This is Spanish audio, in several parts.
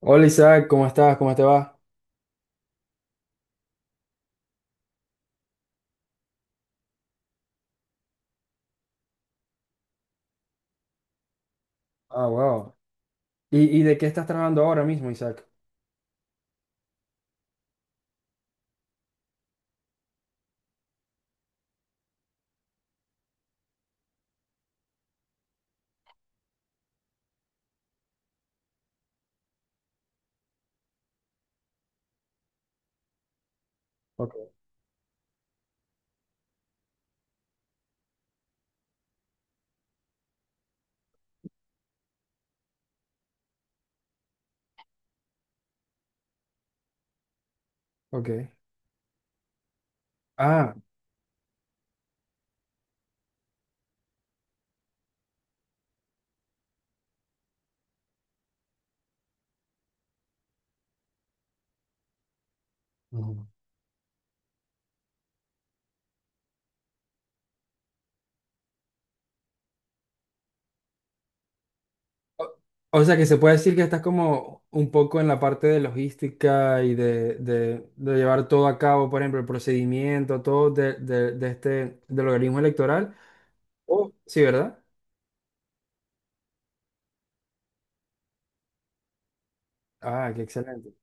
Hola Isaac, ¿cómo estás? ¿Cómo te va? Ah, wow. ¿Y de qué estás trabajando ahora mismo, Isaac? Ok. Ok. Ah. Ujú. o, o sea que se puede decir que estás como un poco en la parte de logística y de llevar todo a cabo, por ejemplo, el procedimiento, todo del organismo electoral. Oh. Sí, ¿verdad? Ah, qué excelente.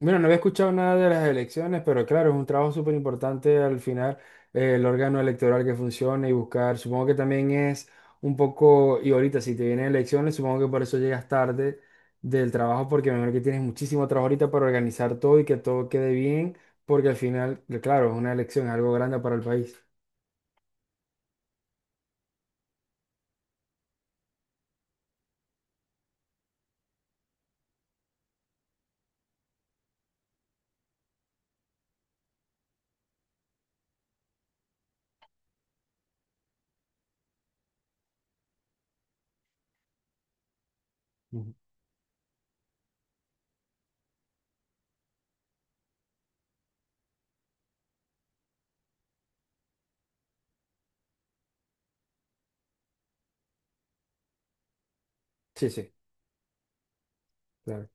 Bueno, no había escuchado nada de las elecciones, pero claro, es un trabajo súper importante al final el órgano electoral que funcione y buscar. Supongo que también es un poco, y ahorita si te vienen elecciones, supongo que por eso llegas tarde del trabajo, porque me imagino que tienes muchísimo trabajo ahorita para organizar todo y que todo quede bien, porque al final, claro, es una elección, es algo grande para el país. Ujú. Sí, sí, claro.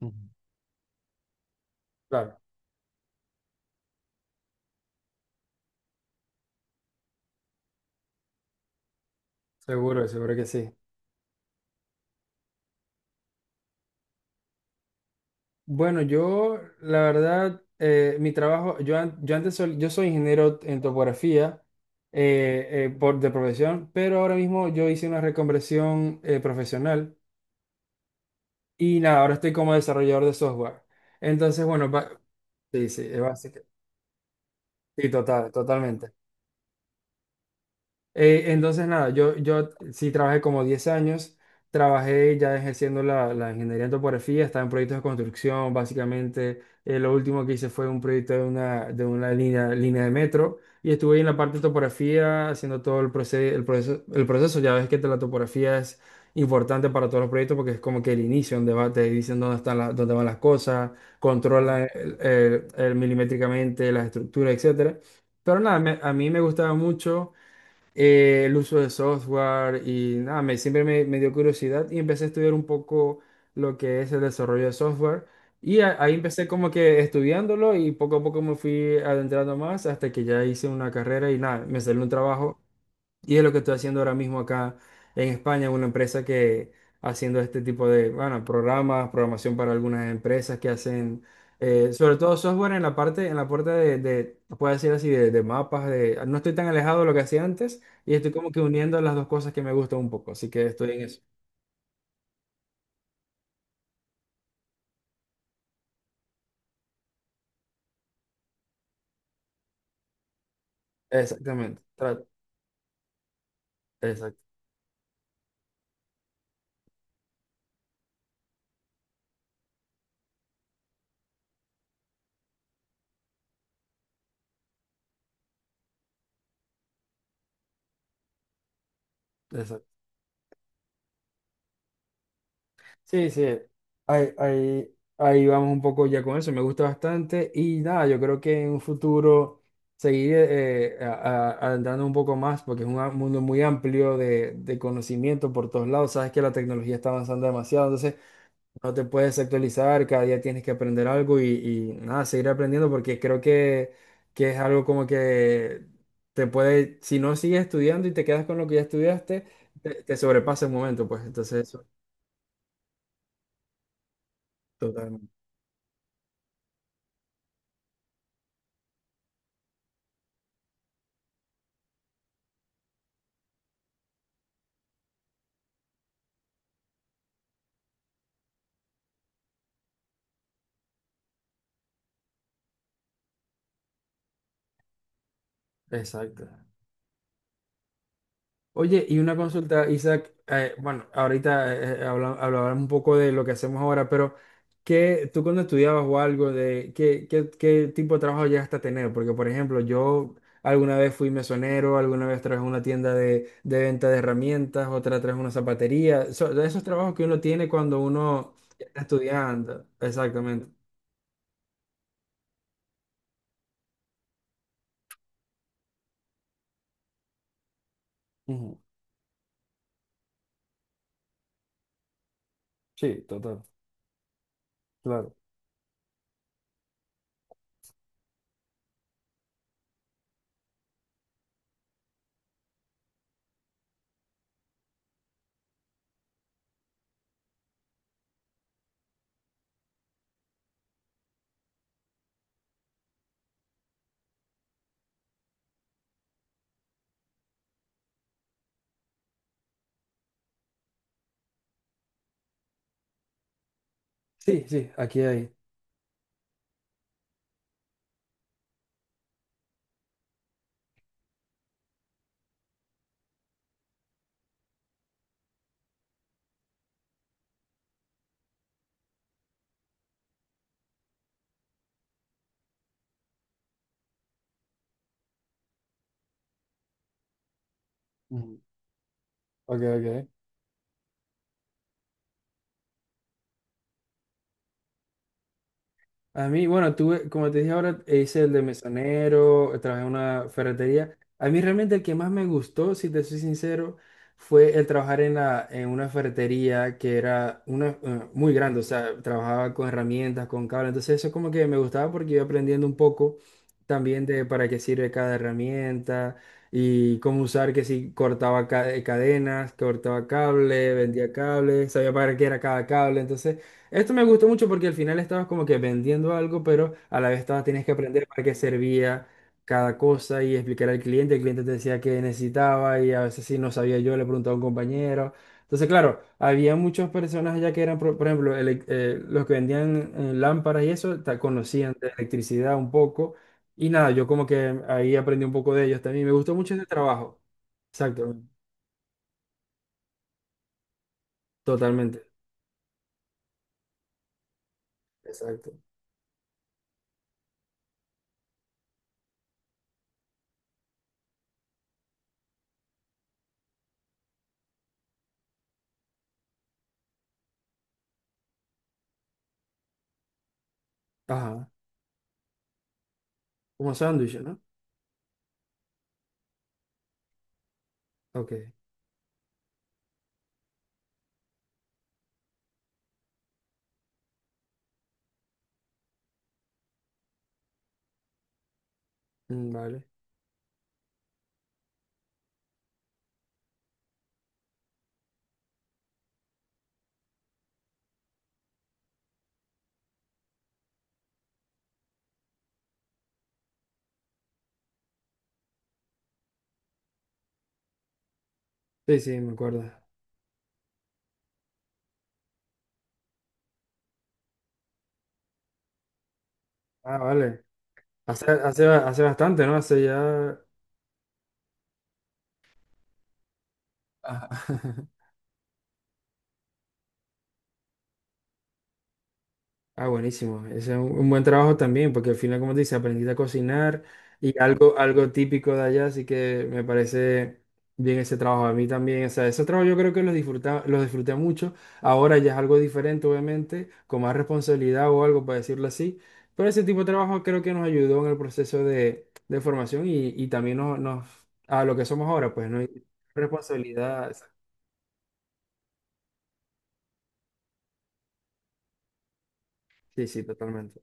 Ujú, claro, seguro, seguro que sí. Bueno, yo, la verdad, mi trabajo, yo, an- yo antes sol- yo soy ingeniero en topografía de profesión, pero ahora mismo yo hice una reconversión profesional y nada, ahora estoy como desarrollador de software. Entonces, bueno, sí, sí, es básico. Sí, total, totalmente. Entonces, nada, yo sí trabajé como 10 años, trabajé ya ejerciendo la ingeniería en topografía, estaba en proyectos de construcción, básicamente. Lo último que hice fue un proyecto de de una línea de metro y estuve ahí en la parte de topografía haciendo todo el proceso. Ya ves que la topografía es importante para todos los proyectos porque es como que el inicio, donde va, te dicen dónde están dónde van las cosas, controla el milimétricamente las estructuras, etcétera. Pero nada, a mí me gustaba mucho el uso de software y nada, siempre me dio curiosidad y empecé a estudiar un poco lo que es el desarrollo de software y ahí empecé como que estudiándolo y poco a poco me fui adentrando más hasta que ya hice una carrera y nada, me salió un trabajo y es lo que estoy haciendo ahora mismo acá en España, una empresa que haciendo este tipo de, bueno, programas, programación para algunas empresas que hacen, sobre todo software en la parte de puedo decir así, de mapas, de, no estoy tan alejado de lo que hacía antes y estoy como que uniendo las dos cosas que me gustan un poco, así que estoy en eso. Exactamente, exact- exacto. Sí, sí, ahí vamos un poco ya con eso, me gusta bastante y nada, yo creo que en un futuro seguir adentrando un poco más porque es mundo muy amplio de conocimiento por todos lados, sabes que la tecnología está avanzando demasiado, entonces no te puedes actualizar, cada día tienes que aprender algo y nada, seguir aprendiendo porque creo que es algo como que te puede, si no sigues estudiando y te quedas con lo que ya estudiaste, te sobrepasa el momento, pues entonces eso, totalmente. Exacto. Oye, y una consulta, Isaac, bueno, ahorita hablaban un poco de lo que hacemos ahora, pero ¿qué, tú cuando estudiabas o algo, qué tipo de trabajo llegaste a tener? Porque, por ejemplo, yo alguna vez fui mesonero, alguna vez trabajé en una tienda de venta de herramientas, otra trabajé en una zapatería, de esos trabajos que uno tiene cuando uno está estudiando. Exactamente. Ujú. Sí, total, claro. Sí, sí, aquí hay. Ujú. Ok, ok. A mí, bueno, tuve, como te dije ahora, hice el de mesonero, trabajé en una ferretería. A mí realmente el que más me gustó, si te soy sincero, fue el trabajar en en una ferretería que era una, muy grande, o sea, trabajaba con herramientas, con cables. Entonces eso como que me gustaba porque iba aprendiendo un poco también de para qué sirve cada herramienta y cómo usar, que si cortaba cadenas, cortaba cable, vendía cables, sabía para qué era cada cable. Entonces... Esto me gustó mucho porque al final estabas como que vendiendo algo, pero a la vez estabas, tenías que aprender para qué servía cada cosa y explicar al cliente. El cliente te decía qué necesitaba y a veces si no sabía yo, le preguntaba a un compañero. Entonces, claro, había muchas personas allá que eran, por ejemplo, los que vendían lámparas y eso, conocían de electricidad un poco. Y nada, yo como que ahí aprendí un poco de ellos también. Me gustó mucho ese trabajo. Exacto, totalmente. Exacto. Ajá, como sándwich, ¿no? Ok, mm, vale. Sí, sí, me acuerdo. Ah, vale. Hace bastante, ¿no? Hace ya... Ajá. Ah, buenísimo. Ese es un buen trabajo también, porque al final, como te dice, aprendiste a cocinar y algo, algo típico de allá, así que me parece bien ese trabajo. A mí también, o sea, ese trabajo yo creo que lo disfruté mucho. Ahora ya es algo diferente, obviamente, con más responsabilidad o algo, para decirlo así. Pero ese tipo de trabajo creo que nos ayudó en el proceso de formación y también a lo que somos ahora, pues, ¿no? Y responsabilidad. Sí, sí, totalmente.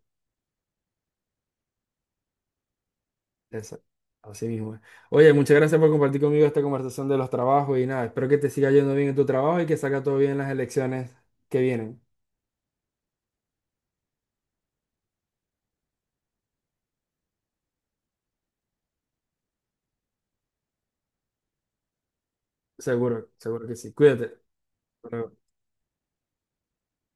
Esa- Así mismo es. Oye, muchas gracias por compartir conmigo esta conversación de los trabajos y nada, espero que te siga yendo bien en tu trabajo y que salga todo bien en las elecciones que vienen. Seguro, seguro que sí. Cuídate. Hasta luego.